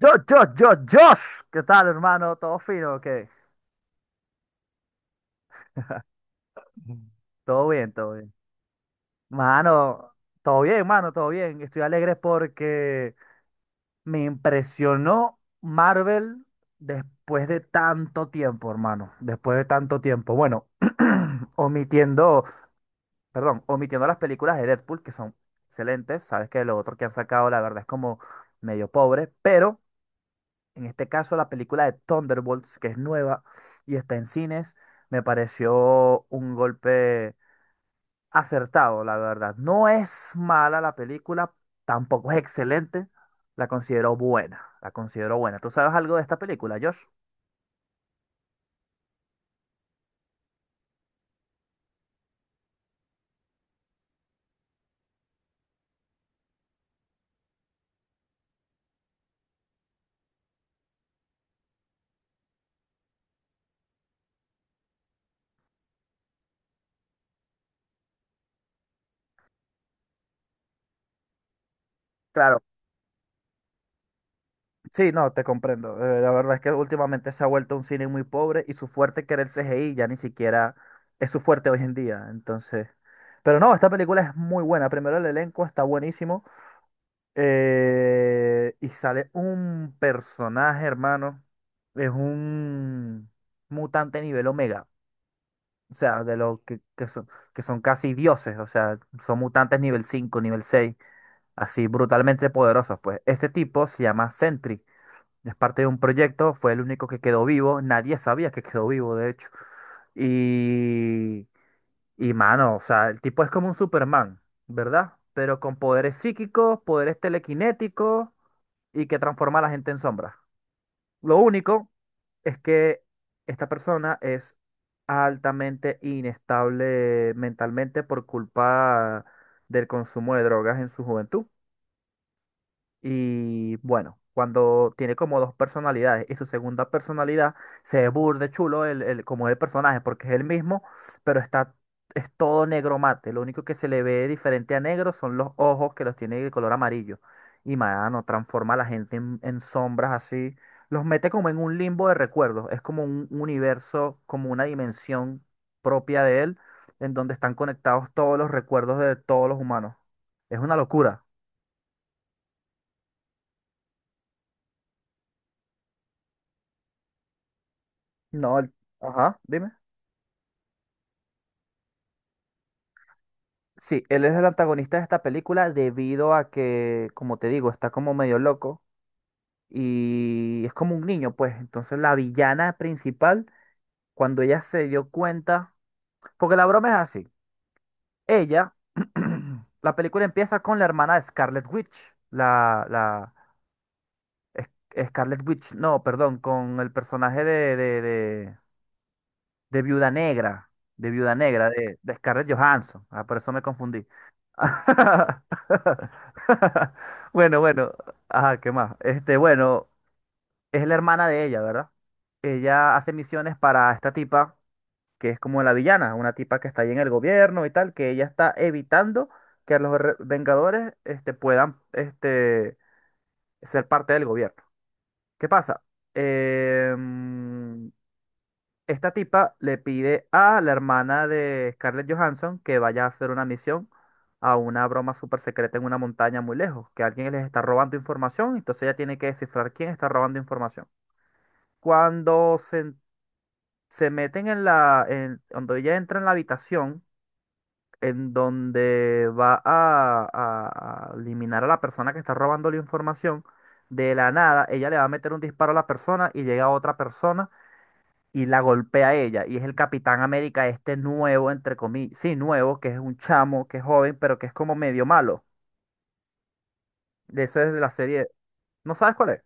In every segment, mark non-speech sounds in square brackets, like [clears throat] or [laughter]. Yo, Josh, ¿qué tal, hermano? ¿Todo fino o qué? Todo bien, todo bien. Mano, todo bien, mano, todo bien. Estoy alegre porque me impresionó Marvel después de tanto tiempo, hermano. Después de tanto tiempo. Bueno, [clears throat] omitiendo, perdón, omitiendo las películas de Deadpool, que son excelentes. Sabes que lo otro que han sacado, la verdad, es como medio pobre, pero en este caso, la película de Thunderbolts, que es nueva y está en cines, me pareció un golpe acertado, la verdad. No es mala la película, tampoco es excelente, la considero buena, la considero buena. ¿Tú sabes algo de esta película, Josh? Claro, sí, no, te comprendo. La verdad es que últimamente se ha vuelto un cine muy pobre y su fuerte que era el CGI ya ni siquiera es su fuerte hoy en día. Entonces, pero no, esta película es muy buena. Primero el elenco está buenísimo. Y sale un personaje, hermano. Es un mutante nivel Omega. O sea, de los que son casi dioses. O sea, son mutantes nivel cinco, nivel seis. Así brutalmente poderosos, pues. Este tipo se llama Sentry. Es parte de un proyecto. Fue el único que quedó vivo. Nadie sabía que quedó vivo, de hecho. Y, y mano, o sea, el tipo es como un Superman, ¿verdad? Pero con poderes psíquicos, poderes telequinéticos, y que transforma a la gente en sombra. Lo único es que esta persona es altamente inestable mentalmente por culpa del consumo de drogas en su juventud. Y bueno, cuando tiene como dos personalidades y su segunda personalidad se ve burde chulo como el personaje, porque es el mismo, pero está, es todo negro mate. Lo único que se le ve diferente a negro son los ojos, que los tiene de color amarillo. Y mano, transforma a la gente en sombras así. Los mete como en un limbo de recuerdos. Es como un universo, como una dimensión propia de él, en donde están conectados todos los recuerdos de todos los humanos. Es una locura. No, el- ajá, dime. Sí, él es el antagonista de esta película debido a que, como te digo, está como medio loco y es como un niño, pues. Entonces la villana principal, cuando ella se dio cuenta, porque la broma es así, ella, [clears throat] la película empieza con la hermana de Scarlet Witch, es- Scarlet Witch, no, perdón, con el personaje de Viuda Negra, de Viuda Negra, de Scarlett Johansson. Ah, por eso me confundí. [laughs] Bueno, bueno, ajá, ¿qué más? Este, bueno, es la hermana de ella, ¿verdad? Ella hace misiones para esta tipa que es como la villana, una tipa que está ahí en el gobierno y tal, que ella está evitando que los Vengadores, este, puedan, este, ser parte del gobierno. ¿Qué pasa? Em, Esta tipa le pide a la hermana de Scarlett Johansson que vaya a hacer una misión a una broma súper secreta en una montaña muy lejos, que alguien les está robando información, entonces ella tiene que descifrar quién está robando información. Cuando se, en- se meten en cuando ella entra en la habitación en donde va a, a eliminar a la persona que está robando la información, de la nada ella le va a meter un disparo a la persona y llega otra persona y la golpea a ella. Y es el Capitán América este nuevo, entre comillas, sí, nuevo, que es un chamo, que es joven, pero que es como medio malo. De eso es de la serie. ¿No sabes cuál es?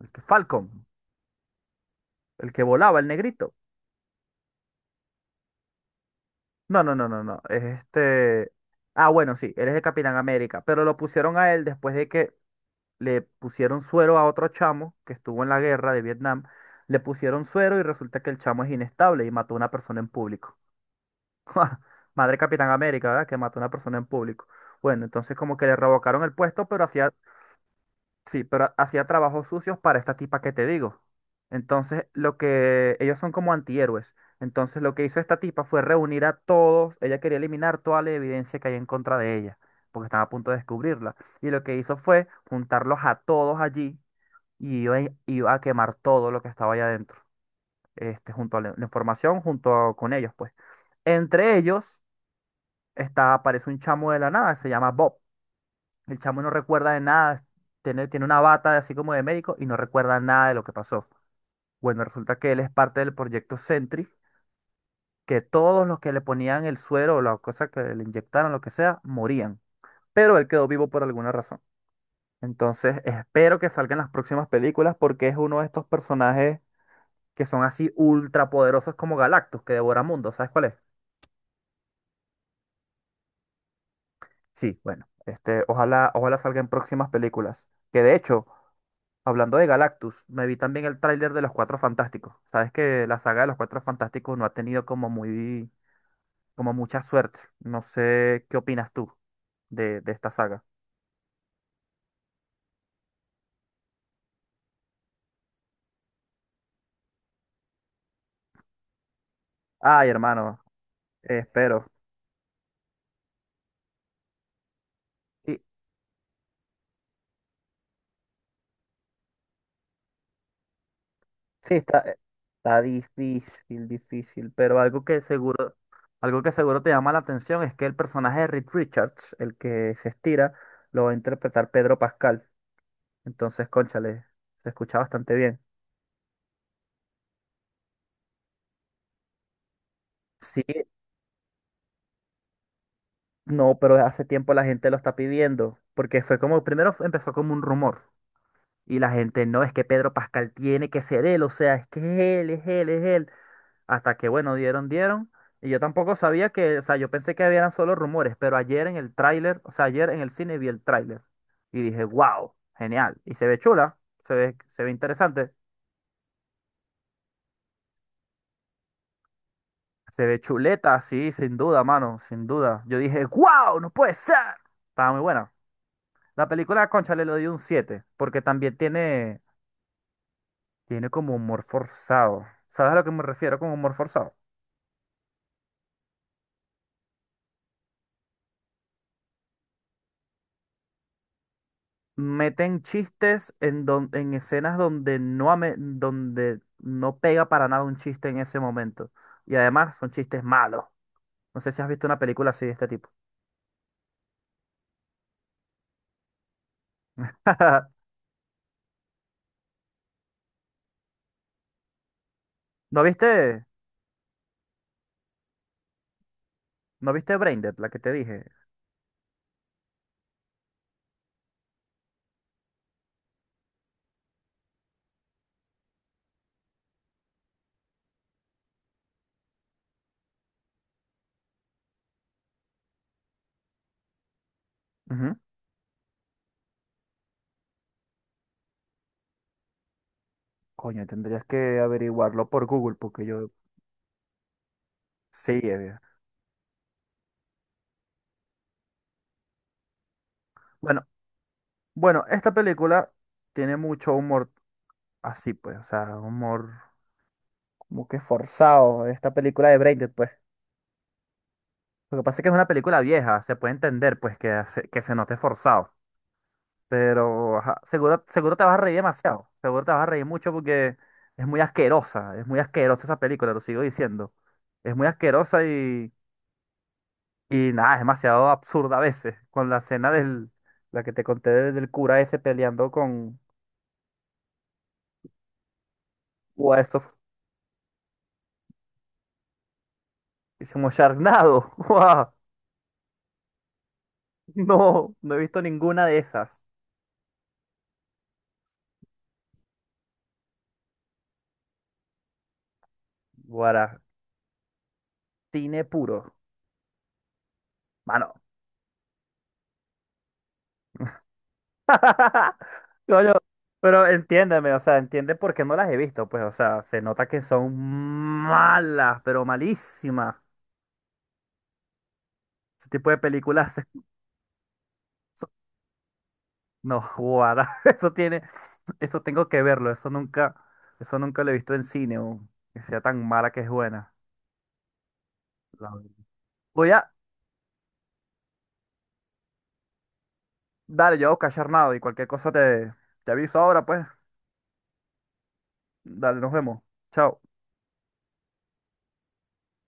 El que Falcon, el que volaba, el negrito. No, no, no, no, no. Es este. Ah, bueno, sí, él es el Capitán América. Pero lo pusieron a él después de que le pusieron suero a otro chamo que estuvo en la guerra de Vietnam. Le pusieron suero y resulta que el chamo es inestable y mató a una persona en público. [laughs] Madre Capitán América, ¿verdad? Que mató a una persona en público. Bueno, entonces como que le revocaron el puesto, pero hacía, sí, pero hacía trabajos sucios para esta tipa que te digo. Entonces, lo que ellos son como antihéroes. Entonces, lo que hizo esta tipa fue reunir a todos, ella quería eliminar toda la evidencia que hay en contra de ella, porque estaba a punto de descubrirla. Y lo que hizo fue juntarlos a todos allí y iba, iba a quemar todo lo que estaba allá adentro, este, junto a la información, junto con ellos, pues. Entre ellos está, aparece un chamo de la nada, se llama Bob. El chamo no recuerda de nada, tiene una bata así como de médico y no recuerda nada de lo que pasó. Bueno, resulta que él es parte del proyecto Sentry, que todos los que le ponían el suero o la cosa que le inyectaron, lo que sea, morían. Pero él quedó vivo por alguna razón. Entonces, espero que salgan las próximas películas porque es uno de estos personajes que son así ultra poderosos como Galactus, que devora mundos. ¿Sabes cuál es? Sí, bueno, este, ojalá, ojalá salgan próximas películas. Que de hecho, hablando de Galactus, me vi también el tráiler de Los Cuatro Fantásticos. Sabes que la saga de Los Cuatro Fantásticos no ha tenido como muy, como mucha suerte. No sé qué opinas tú de esta saga. Ay, hermano, espero. Sí, sí, está, está difícil, difícil, pero algo que seguro te llama la atención es que el personaje de Reed Richards, el que se estira, lo va a interpretar Pedro Pascal. Entonces, cónchale, se escucha bastante bien. Sí, no, pero hace tiempo la gente lo está pidiendo, porque fue como, empezó como un rumor, y la gente, no, es que Pedro Pascal tiene que ser él, o sea, es que es él, es él, es él, hasta que bueno, dieron, y yo tampoco sabía que, o sea, yo pensé que eran solo rumores, pero ayer en el tráiler, o sea, ayer en el cine vi el tráiler, y dije, wow, genial, y se ve chula, se ve interesante, se ve chuleta, sí, sin duda, mano, sin duda, yo dije, wow, no puede ser, estaba muy buena. La película, concha, le doy un 7 porque también tiene, tiene como humor forzado. ¿Sabes a lo que me refiero con humor forzado? Meten chistes en, en escenas donde no, donde no pega para nada un chiste en ese momento. Y además son chistes malos. No sé si has visto una película así de este tipo. [laughs] ¿No viste, no viste Braindead, la que te dije? Ujú. Coño, tendrías que averiguarlo por Google, porque yo... Sí, bueno, bueno, esta película tiene mucho humor así, pues, o sea, un humor como que forzado. Esta película de Braindead, pues. Lo que pasa es que es una película vieja, se puede entender, pues, que se note forzado. Pero, ajá, seguro, seguro te vas a reír demasiado. Seguro te vas a reír mucho porque es muy asquerosa. Es muy asquerosa esa película, lo sigo diciendo. Es muy asquerosa y nada, es demasiado absurda a veces. Con la escena del, la que te conté del cura ese peleando con, o eso, es como Sharknado. [laughs] ¡Guau! No, no he visto ninguna de esas. Guaratine puro. Mano. [laughs] Coño, pero entiéndeme, o sea, entiende por qué no las he visto, pues, o sea, se nota que son malas, pero malísimas. Ese tipo de películas, [laughs] eso- no, guara, [laughs] eso tengo que verlo, eso nunca lo he visto en cine, o que sea tan mala que es buena. La verdad. Voy a, dale, yo voy a buscar Sharknado y cualquier cosa te aviso ahora, pues, dale, nos vemos, chao.